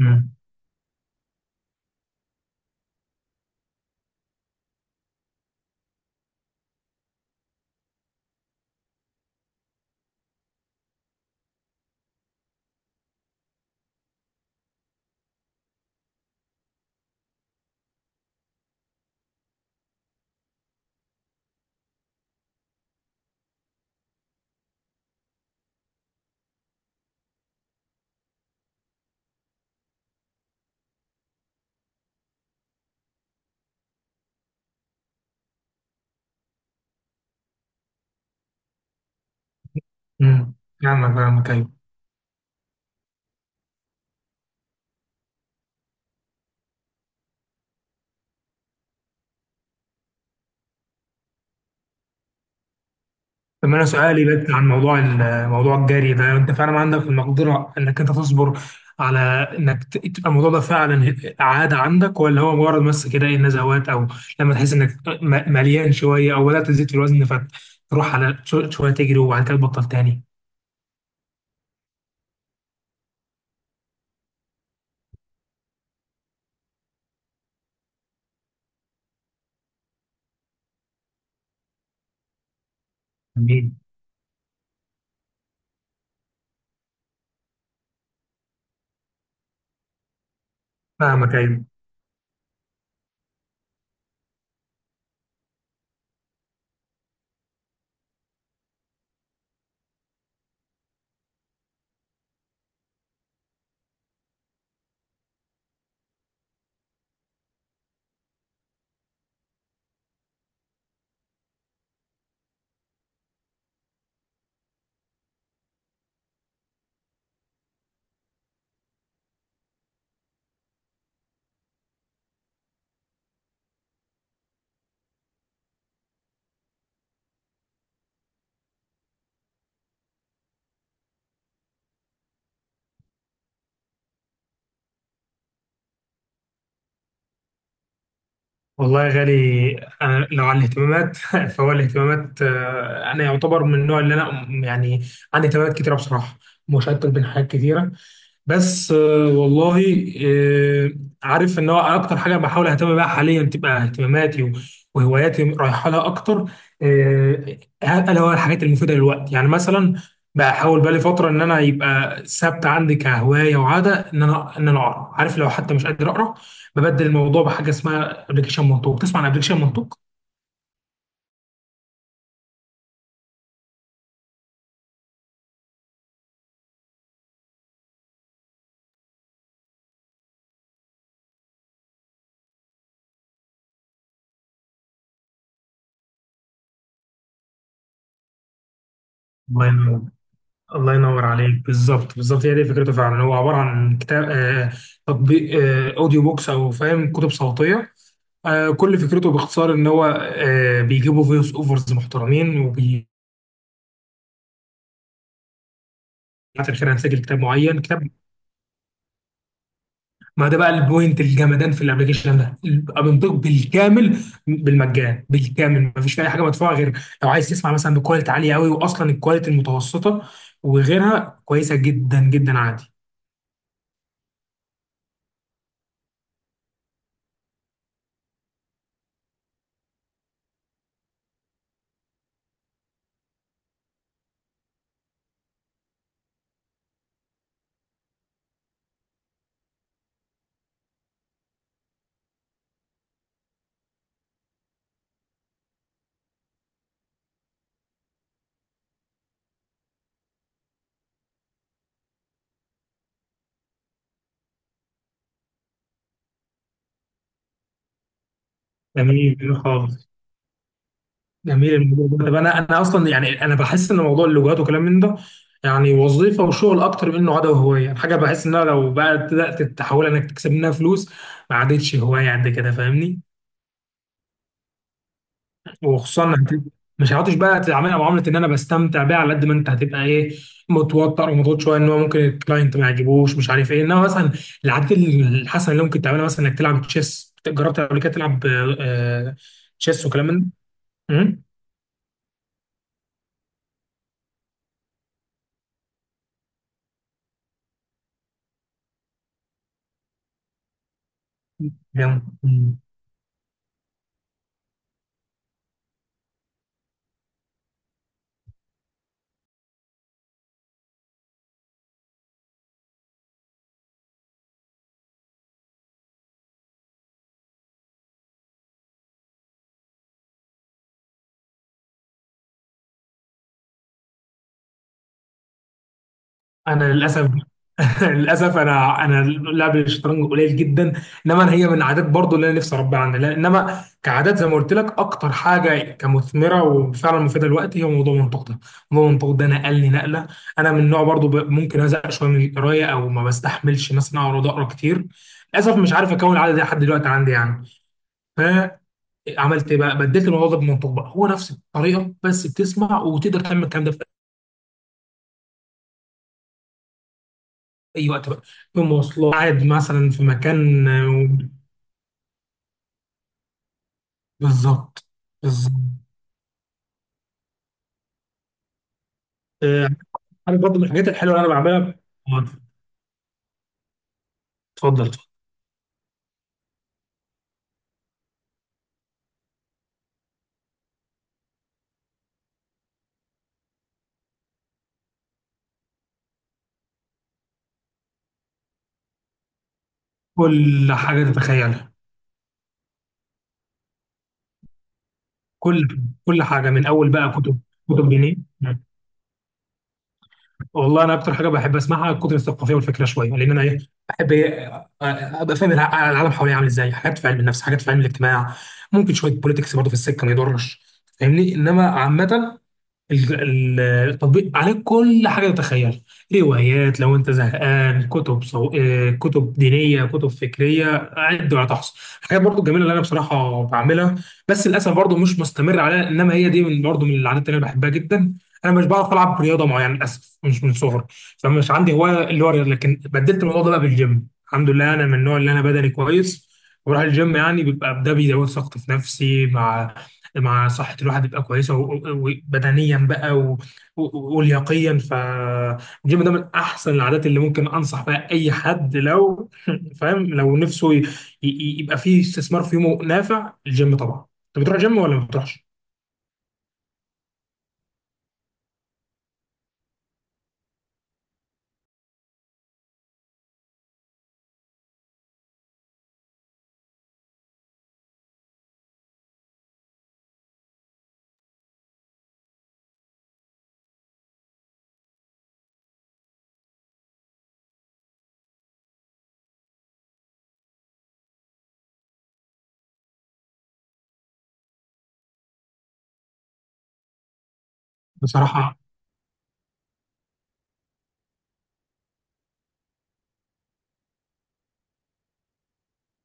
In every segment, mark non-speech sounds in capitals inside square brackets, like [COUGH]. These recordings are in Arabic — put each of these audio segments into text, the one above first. امم امم فاهمك فاهمك، ايوه. طب انا سؤالي بس عن موضوع موضوع الجري ده. انت فعلا عندك المقدره انك انت تصبر على انك تبقى الموضوع ده فعلا عاده عندك، ولا هو مجرد بس كده ايه، نزوات، او لما تحس انك مليان شويه او بدات تزيد في الوزن فتروح على شويه تجري وبعد كده تبطل تاني؟ جميل، فاهمك، ايوه. والله يا غالي، أنا لو عن الاهتمامات [LAUGHS] فهو الاهتمامات، آه، أنا يعتبر من النوع اللي أنا يعني عندي اهتمامات كتيرة بصراحة، مشتت بين حاجات كتيرة. بس آه، والله آه، عارف إن هو أكتر حاجة بحاول أهتم بيها حاليا تبقى اهتماماتي وهواياتي رايحة لها أكتر. آه، ألا هو الحاجات المفيدة للوقت. يعني مثلا بحاول بقالي فترة إن أنا يبقى ثابتة عندي كهواية وعادة إن أنا إن أنا أقرأ. عارف، لو حتى مش قادر أقرأ ببدل الموضوع بحاجه اسمها ابلكيشن منطوق. تسمع عن ابلكيشن منطوق؟ الله ينور، الله ينور عليك. بالظبط، بالظبط، هي دي فكرته فعلا. هو عباره عن كتاب، آه، تطبيق، آه، اوديو بوكس، او فاهم، كتب صوتيه. آه، كل فكرته باختصار ان هو آه بيجيبوا فويس اوفرز محترمين وبي بعد الخير هنسجل كتاب معين. كتاب، ما ده بقى البوينت الجمدان في الابلكيشن ده. بيبقى بينطق بالكامل بالمجان، بالكامل ما فيش فيه اي حاجه مدفوعه، غير لو عايز تسمع مثلا بكواليتي عاليه قوي، واصلا الكواليتي المتوسطه وغيرها كويسه جدا جدا عادي. جميل، جميل خالص، جميل الموضوع ده. طب انا اصلا يعني انا بحس ان موضوع اللغات وكلام من ده يعني وظيفه وشغل اكتر من انه عاده وهوايه. يعني حاجه بحس انها لو بقى بدات تحاول انك تكسب منها فلوس ما عادتش هوايه قد كده، فاهمني؟ وخصوصا مش هتعرفش بقى تعاملها معامله ان انا بستمتع بيها على قد ما انت هتبقى ايه، متوتر ومضغوط شويه ان هو ممكن الكلاينت ما يعجبوش، مش عارف ايه. انما مثلا العادات الحسنه اللي ممكن تعملها مثلا انك تلعب تشيس. جربت قبل كده تلعب آه، آه، تشيس وكلام من ده؟ مم؟ جامد. مم. انا للاسف [LAUGHS] للاسف انا لعب الشطرنج قليل جدا. انما أنا هي من عادات برضو اللي انا نفسي اربيها عندي انما كعادات زي ما قلت لك اكتر حاجه كمثمره وفعلا مفيده دلوقتي هي موضوع المنطق ده. موضوع المنطق ده نقلني نقله. انا من نوع برضو ممكن ازهق شويه من القرايه او ما بستحملش مثلا اقعد اقرا كتير، للاسف مش عارف اكون العاده دي لحد دلوقتي عندي يعني. فعملت ايه بقى؟ بدلت الموضوع ده بالمنطق بقى. هو نفس الطريقه بس بتسمع، وتقدر تعمل الكلام ده في اي وقت بقى، في مواصلات، قاعد مثلا في مكان. بالظبط، بالظبط. آه، عارف برضه من الحاجات الحلوه اللي انا بعملها. آه، اتفضل، اتفضل. كل حاجه تتخيلها. كل كل حاجه، من اول بقى كتب، كتب دينيه. والله انا اكتر حاجه بحب اسمعها الكتب الثقافيه والفكره شويه، لان انا ايه، بحب ايه آه، آه، ابقى فاهم العالم حواليا عامل ازاي، حاجات في علم النفس، حاجات في علم الاجتماع، ممكن شويه بوليتكس برضه في السكه ما يضرش، فاهمني. انما عامه التطبيق عليه كل حاجه تتخيل: روايات لو انت زهقان، آه، كتب دينيه، كتب فكريه، عد ولا تحصى. حاجات برضو جميله اللي انا بصراحه بعملها، بس للاسف برضو مش مستمر عليها. انما هي دي من برضو من العادات اللي انا بحبها جدا. انا مش بعرف العب رياضه معينه للاسف مش من صغري، فمش عندي هوايه اللي هو الرياضة. لكن بدلت الموضوع ده بقى بالجيم. الحمد لله انا من النوع اللي انا بدني كويس وبروح الجيم، يعني بيبقى ده بيزود ثقتي في نفسي، مع مع صحة الواحد تبقى كويسة وبدنيا بقى ولياقيا. فالجيم ده من أحسن العادات اللي ممكن أنصح بها أي حد لو [LAUGHS] فاهم، لو نفسه يبقى فيه استثمار في يومه نافع الجيم. طبعا أنت بتروح جيم ولا ما بتروحش؟ بصراحة،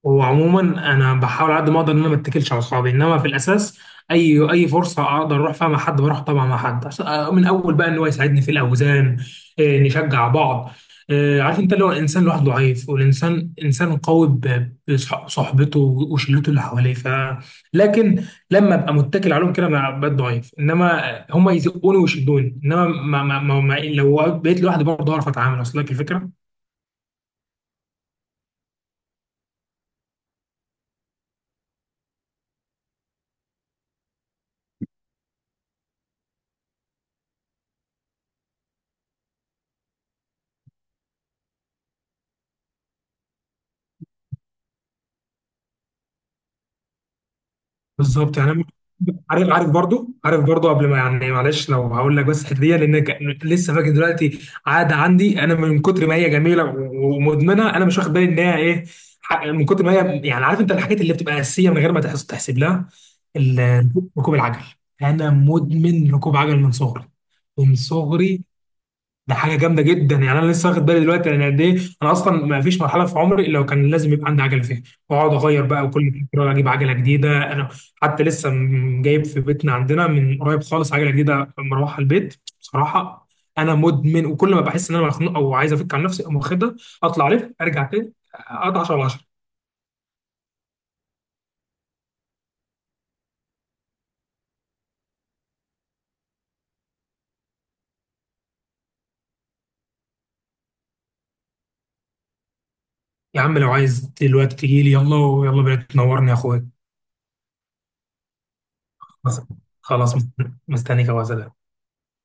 هو عموما انا بحاول على قد ما اقدر ان انا ما اتكلش على اصحابي، انما في الاساس اي فرصه اقدر اروح فيها مع حد بروح، طبعا مع حد عشان، آه، من اول بقى ان هو يساعدني في الاوزان، آه، نشجع بعض، آه، عارف انت لو الانسان لوحده ضعيف، والانسان انسان قوي ب- بصحبته وشلته اللي حواليه، ف لكن لما ابقى متكل عليهم كده انا بقيت ضعيف. انما هم يزقوني ويشدوني، انما ما لو بقيت لوحدي برضه اعرف اتعامل، اصل لك الفكره. بالظبط، يعني ممكن، عارف، عارف برضو، عارف برضو، قبل ما يعني معلش لو هقول لك بس الحته دي. لان لسه فاكر دلوقتي عاده عندي انا من كتر ما هي جميله و- ومدمنه انا مش واخد بالي ان هي ايه، من كتر ما هي، يعني عارف انت الحاجات اللي بتبقى اساسيه من غير ما تحسب لها. ال، ركوب العجل. انا مدمن ركوب عجل من صغري، من صغري. ده حاجه جامده جدا. يعني انا لسه واخد بالي دلوقتي انا قد ايه، انا اصلا ما فيش مرحله في عمري الا وكان لازم يبقى عندي عجله فيها، واقعد اغير بقى وكل فتره اجيب عجله جديده. انا حتى لسه جايب في بيتنا عندنا من قريب خالص عجله جديده مروحه البيت. بصراحه انا مدمن، وكل ما بحس ان انا مخنوق او عايز افك عن نفسي اقوم واخدها، اطلع الف ارجع تاني اقطع 10 على 10. يا عم لو عايز دلوقتي تجي لي يلا يلا بينا تنورني يا اخويا. خلاص، خلاص، مستنيك يا وزلاء.